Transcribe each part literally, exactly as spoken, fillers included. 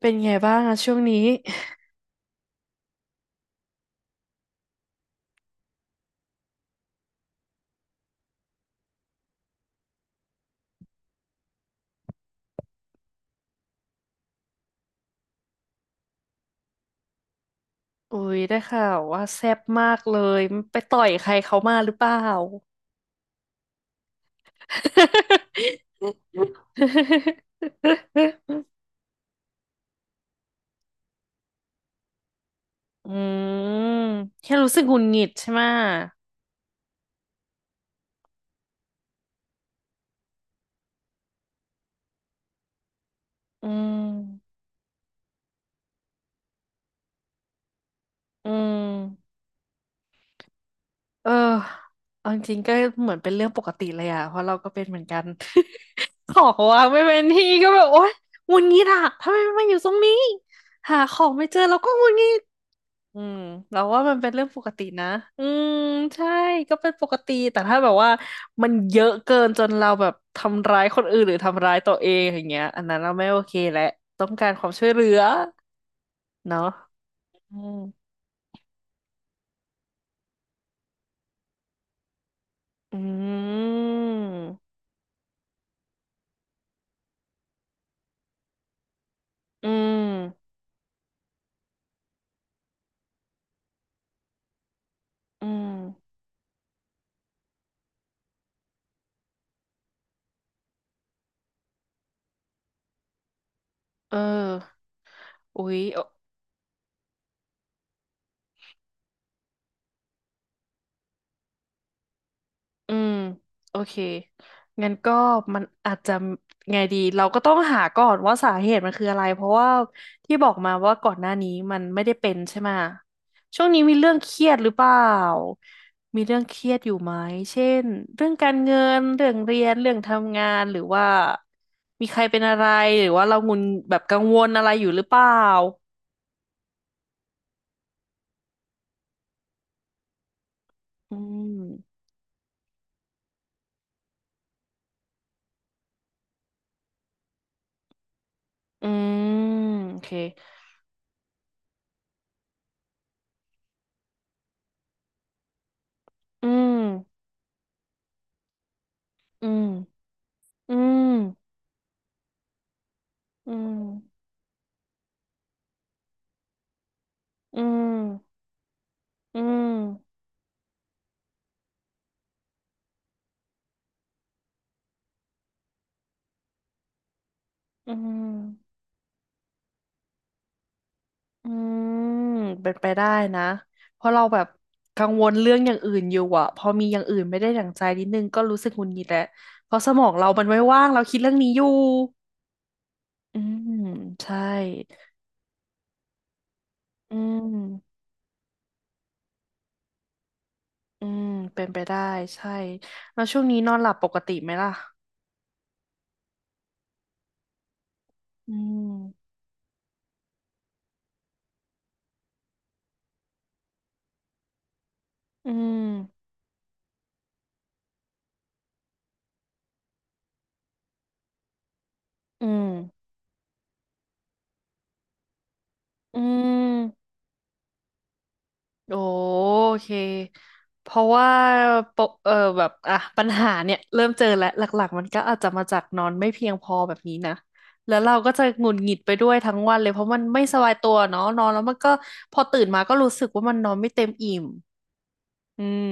เป็นไงบ้างอะช่วงนี้อุ๊ยได้ข่าวว่าแซ่บมากเลยไปต่อยใครเขามาหรือเปล่า อืมแค่รู้สึกหงุดหงิดใช่ไหมอืมอืมเออเอาจริงๆก็เหมือนเป็นเรื่องปกติเลยอะเพราะเราก็เป็นเหมือนกัน ของว่างไม่เป็นที่ก็แบบโอ๊ยหงุดหงิดอะทำไมมันมาอยู่ตรงนี้หาของไม่เจอเราก็หงุดหงิด อืมเราว่ามันเป็นเรื่องปกตินะอืมใช่ก็เป็นปกติแต่ถ้าแบบว่ามันเยอะเกินจนเราแบบทำร้ายคนอื่นหรือทำร้ายตัวเองอย่างเงี้ยอันนั้นเราไม่โอเคแหละต้องการความช่วยเหลือเนาะอืมอืมอืมอืมเอออุ๊ย อืมโอเคงั้นก็มันอาจจะไงดีเราก็ต้องหาก่อนว่าสาเหตุมันคืออะไรเพราะว่าที่บอกมาว่าก่อนหน้านี้มันไม่ได้เป็นใช่ไหมช่วงนี้มีเรื่องเครียดหรือเปล่ามีเรื่องเครียดอยู่ไหมเช่นเรื่องการเงินเรื่องเรียนเรื่องทำงานหรือว่ามีใครเป็นอะไรหรือว่าเรางุนแบบกังวลอะไรอยู่หรือเปล่าอืมอืมโอเคอืมอืมอืมอืม อืมอืมอืมอืมเป็นไปได้นะ เพราะเราแบบกังวลเรื่องอย่างอื่นอยู่อะพอมีอย่างอื่นไม่ได้ดั่งใจนิดนึงก็รู้สึกหงุดหงิดแหละเพราะสมองเรามันไม่ว่างเราคิดเรื่องนี้อยู่ อืมใช่ อืมอืมเป็นไปได้ ใช่แล้วช่วงนี้นอนหลับปกติไหมล่ะ อืมอืมอืมอืม โอเค เพราะว่าปกเออแบบอ่ะปัญหาเนี่ยเริ่มเจอแล้วหลักๆมันก็อาจจะมาจากนอนไม่เพียงพอแบบนี้นะ แล้วเราก็จะหงุดหงิดไปด้วยทั้งวันเลยเพราะมันไม่สบายตัวเนาะนอนแล้วมันก็พอตื่นมาก็รู้สึกว่ามันนอนไม่เต็มอิ่ม อืม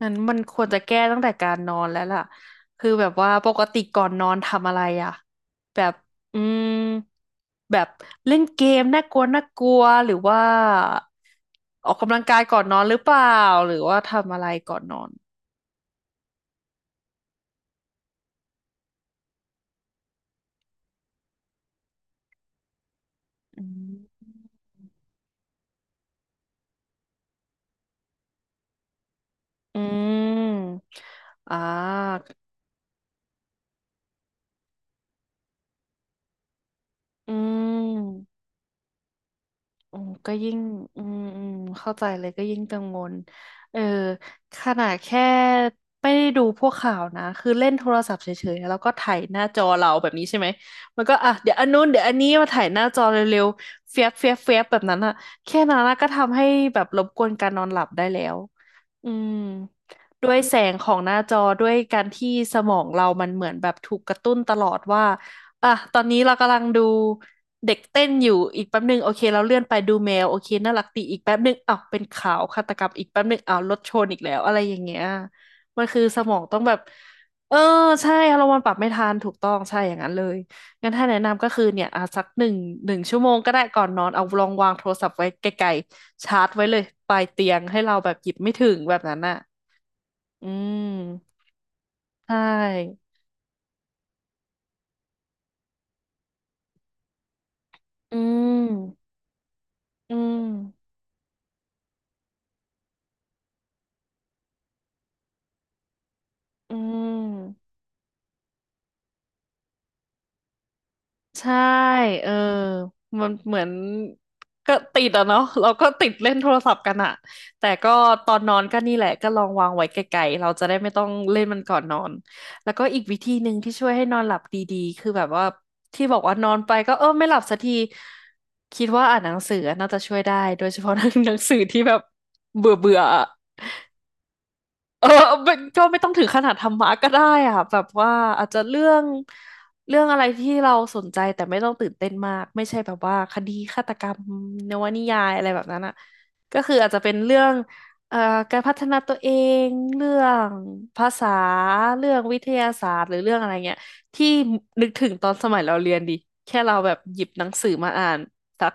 นั้นมันควรจะแก้ตั้งแต่การนอนแล้วล่ะคือแบบว่าปกติก่อนนอนทำอะไรอ่ะแบบ อืมแบบเล่นเกมน่ากลัวน่ากลัวหรือว่าออกกำลังกายก่อนนอนหรือเปล่าหรือว่าทำอะไรก่อนนอนอืมอืมอ่าอืม โอ้ก็ยิ่งอืมอืมเข้าใจเลยก็ยิ่งกังวลเออขนาดแค่ไม่ได้ดูพวกข่าวนะคือเล่นโทรศัพท์เฉยๆแล้วก็ถ่ายหน้าจอเราแบบนี้ใช่ไหมมันก็อ่ะเดี๋ยวอันนู้นเดี๋ยวอันนี้มาถ่ายหน้าจอเร็วๆเฟียบเฟียบเฟียบแบบนั้นอะแค่นั้นอะก็ทำให้แบบรบกวนการนอนหลับได้แล้วอืมด้วยแสงของหน้าจอด้วยการที่สมองเรามันเหมือนแบบถูกกระตุ้นตลอดว่า อ่ะตอนนี้เรากำลังดูเด็กเต้นอยู่อีกแป๊บหนึ่งโอเคเราเลื่อนไปดูแมวโอเคน่ารักดีอีกแป๊บหนึ่งอ้าวเป็นข่าวฆาตกรรมอีกแป๊บหนึ่งอ้าวรถชนอีกแล้วอะไรอย่างเงี้ยมันคือสมองต้องแบบเออใช่เรามันปรับไม่ทันถูกต้องใช่อย่างนั้นเลยงั้นถ้าแนะนำก็คือเนี่ยอ่ะสักหนึ่งหนึ่งชั่วโมงก็ได้ก่อนนอนเอาลองวางโทรศัพท์ไว้ไกลๆชาร์จไว้เลยปลายเตียงให้เราแบบหยิบไม่ถึงแบบนั้นน่ะอืมใช่อืมอืมอืม ใช่เออมันเหมือนก็ติดอะเนาะเราก็ติดเล่นโทรศัพท์กันอะแต่ก็ตอนนอนก็นี่แหละก็ลองวางไว้ไกลๆเราจะได้ไม่ต้องเล่นมันก่อนนอนแล้วก็อีกวิธีหนึ่งที่ช่วยให้นอนหลับดีๆคือแบบว่าที่บอกว่านอนไปก็เออไม่หลับสักทีคิดว่าอ่านหนังสือน่าจะช่วยได้โดยเฉพาะหนัง สือที่แบบเบื่อเบื่อ เออไม่ก็ไม่ต้องถึงขนาดธรรมะก็ได้อะแบบว่าอาจจะเรื่องเรื่องอะไรที่เราสนใจแต่ไม่ต้องตื่นเต้นมากไม่ใช่แบบว่าคดีฆาตกรรมนวนิยายอะไรแบบนั้นอ่ะก็คืออาจจะเป็นเรื่องเอ่อการพัฒนาตัวเองเรื่องภาษาเรื่องวิทยาศาสตร์หรือเรื่องอะไรเงี้ย ที่นึกถึงตอนสมัยเราเรียนดิแค่เราแบบหยิบหนังสือมาอ่านสัก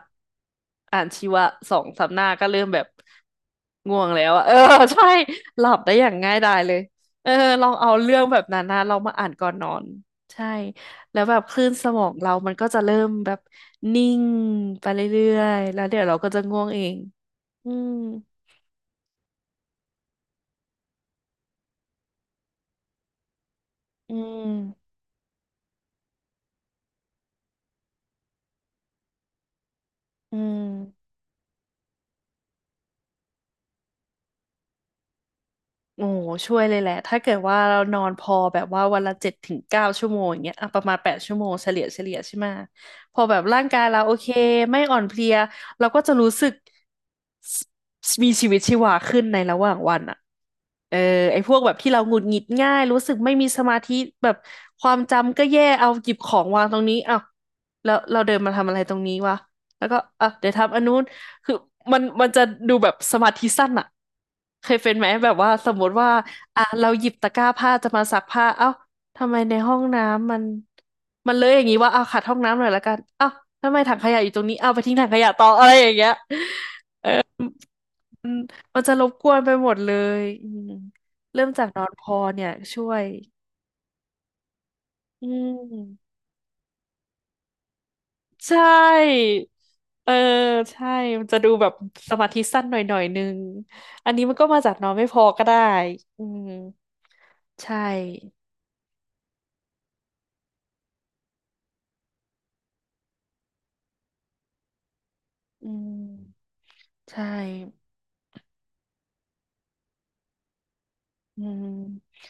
อ่านชีวะสองสามหน้าก็เริ่มแบบง่วงแล้วอะเออ ใช่หลับได้อย่างง่ายดายเลยเออลองเอาเรื่องแบบนั้นนะลองมาอ่านก่อนนอนใช่แล้วแบบคลื่นสมองเรามันก็จะเริ่มแบบนิ่งไปเรื่อยๆแล้วเดี๋ยวเราก็จะง่วงเองอืมอืมอืม โอ้ช่วยเลยแหละถ้าเกิดว่าเรานอนพอแบบว่าวันละเจ็ดถึงเก้าชั่วโมงอย่างเงี้ยอ่ะประมาณแปดชั่วโมงเฉลี่ยเฉลี่ยใช่ไหมะพอแบบร่างกายเราโอเคไม่อ่อนเพลียเราก็จะรู้สึก มีชีวิตชีวาขึ้นในระหว่างวันอ่ะเออไอ้พวกแบบที่เราหงุดหงิดง่ายรู้สึกไม่มีสมาธิแบบความจำก็แย่เอาหยิบของวางตรงนี้อ้าวแล้วเราเดินมาทำอะไรตรงนี้วะแล้วก็อ่ะเดี๋ยวทำอันนู้นคือมันมันจะดูแบบสมาธิสั้นอ่ะเคยเป็นไหมแบบว่าสมมติว่าอ่ะเราหยิบตะกร้าผ้าจะมาซักผ้าเอ้าทำไมในห้องน้ำมันมันเลยอย่างนี้ว่าเอาขัดห้องน้ำหน่อยละกันเอ้าทำไมถังขยะอยู่ตรงนี้เอาไปทิ้งถังขยะต่ออะไรอย่างเงี้ย มันมันจะรบกวนไปหมดเลยอืมเริ่มจากนอนพอเนี่ยช่วยอืมใช่เออใช่มันจะดูแบบสมาธิสั้นหน่อยหน่อยนึง อันนี้มันก็มาจากนอนไม่พอก็ได้อืมใช่อืมใช่อืม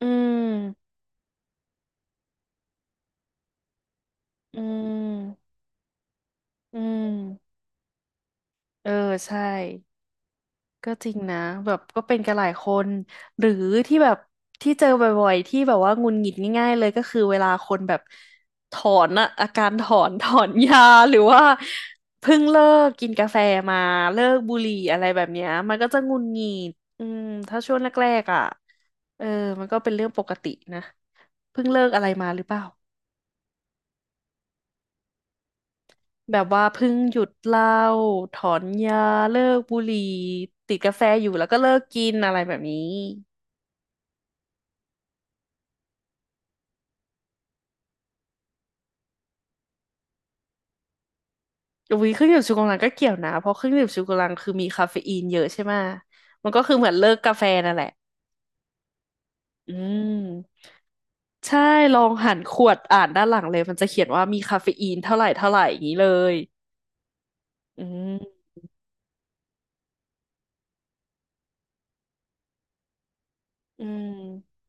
อืมอืมอืมเออใช่ ก็จริงนะแบบก็เป็นกันหลายคนหรือที่แบบที่เจอบ่อยๆที่แบบว่าหงุดหงิดง่ายๆเลยก็คือเวลาคนแบบถอนอะอาการถอน ถอนยาหรือว่าเพิ่งเลิกกินกาแฟมาเลิกบุหรี่อะไรแบบเนี้ยมันก็จะหงุดหงิดอืมถ้าช่วงแรกๆอ่ะเออมันก็เป็นเรื่องปกตินะเพิ่งเลิกอะไรมาหรือเปล่าแบบว่าเพิ่งหยุดเหล้าถอนยาเลิกบุหรี่ติดกาแฟอยู่แล้วก็เลิกกินอะไรแบบนี้ อุ้ยเครื่องดื่มชูกำลังก็เกี่ยวนะเพราะเครื่องดื่มชูกำลังคือมีคาเฟอีนเยอะใช่ไหมะมันก็คือเหมือนเลิกกาแฟนั่นแหละอืมใช่ลองหันขวดอ่านด้านหลังเลยมันจะเขียนว่ามีคาเฟอีนเท่าไหร่เท่าไหร่อย่างนี้เลยอืมอืม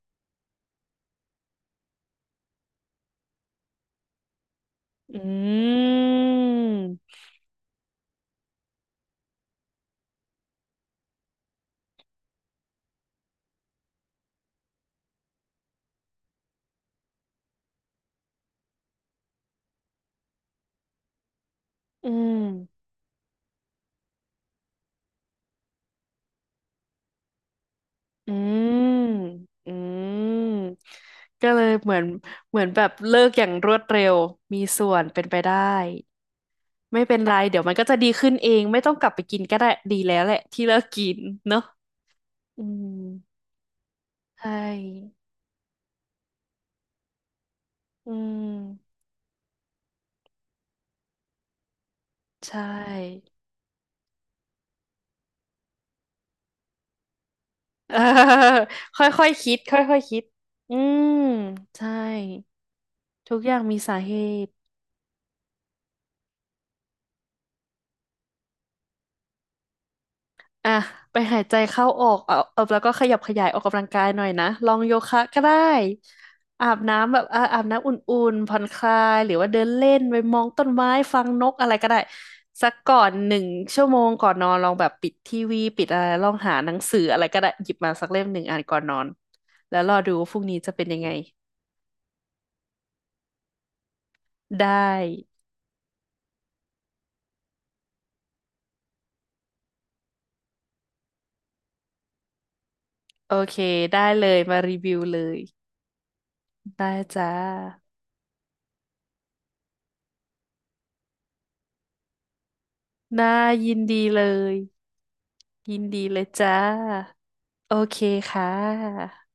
อืมอืมอืมอืมก็เลยเหมือนเหมือนแบบเลิกอย่างรวดเร็วมีส่วนเป็นไปได้ ไม่เป็นไรเดี๋ยวมันก็จะดีขึ้นเองไม่ต้องกลับไปกินก็ได้ดีแล้วแหละที่เลิกกินเนอะอืมใช่อืมใช่ เออค่อยๆคิดค่อยๆคิดอืมใช่ทุกอย่างมีสาเหตุ อ่ะไปหายใจเข้าออกเอาเอาแล้วก็ขยับขยายออกกำลังกายหน่อยนะลองโยคะก็ได้อาบน้ำแบบอ่ะอาบน้ำอุ่นๆผ่อนคลายหรือว่าเดินเล่นไปมองต้นไม้ฟังนกอะไรก็ได้สักก่อนหนึ่งชั่วโมงก่อนนอนลองแบบปิดทีวีปิดอะไรลองหาหนังสืออะไรก็ได้หยิบมาสักเล่มหนึ่งอ่านก่อนนอนแล้วรอดูว่าพรุ่งนี้จะเป็นยังไงได้โอเคได้เลยมารีวิวเลยได้จ้าน่ายินดีเลยยินดีเลยจ้า โอเคค่ะ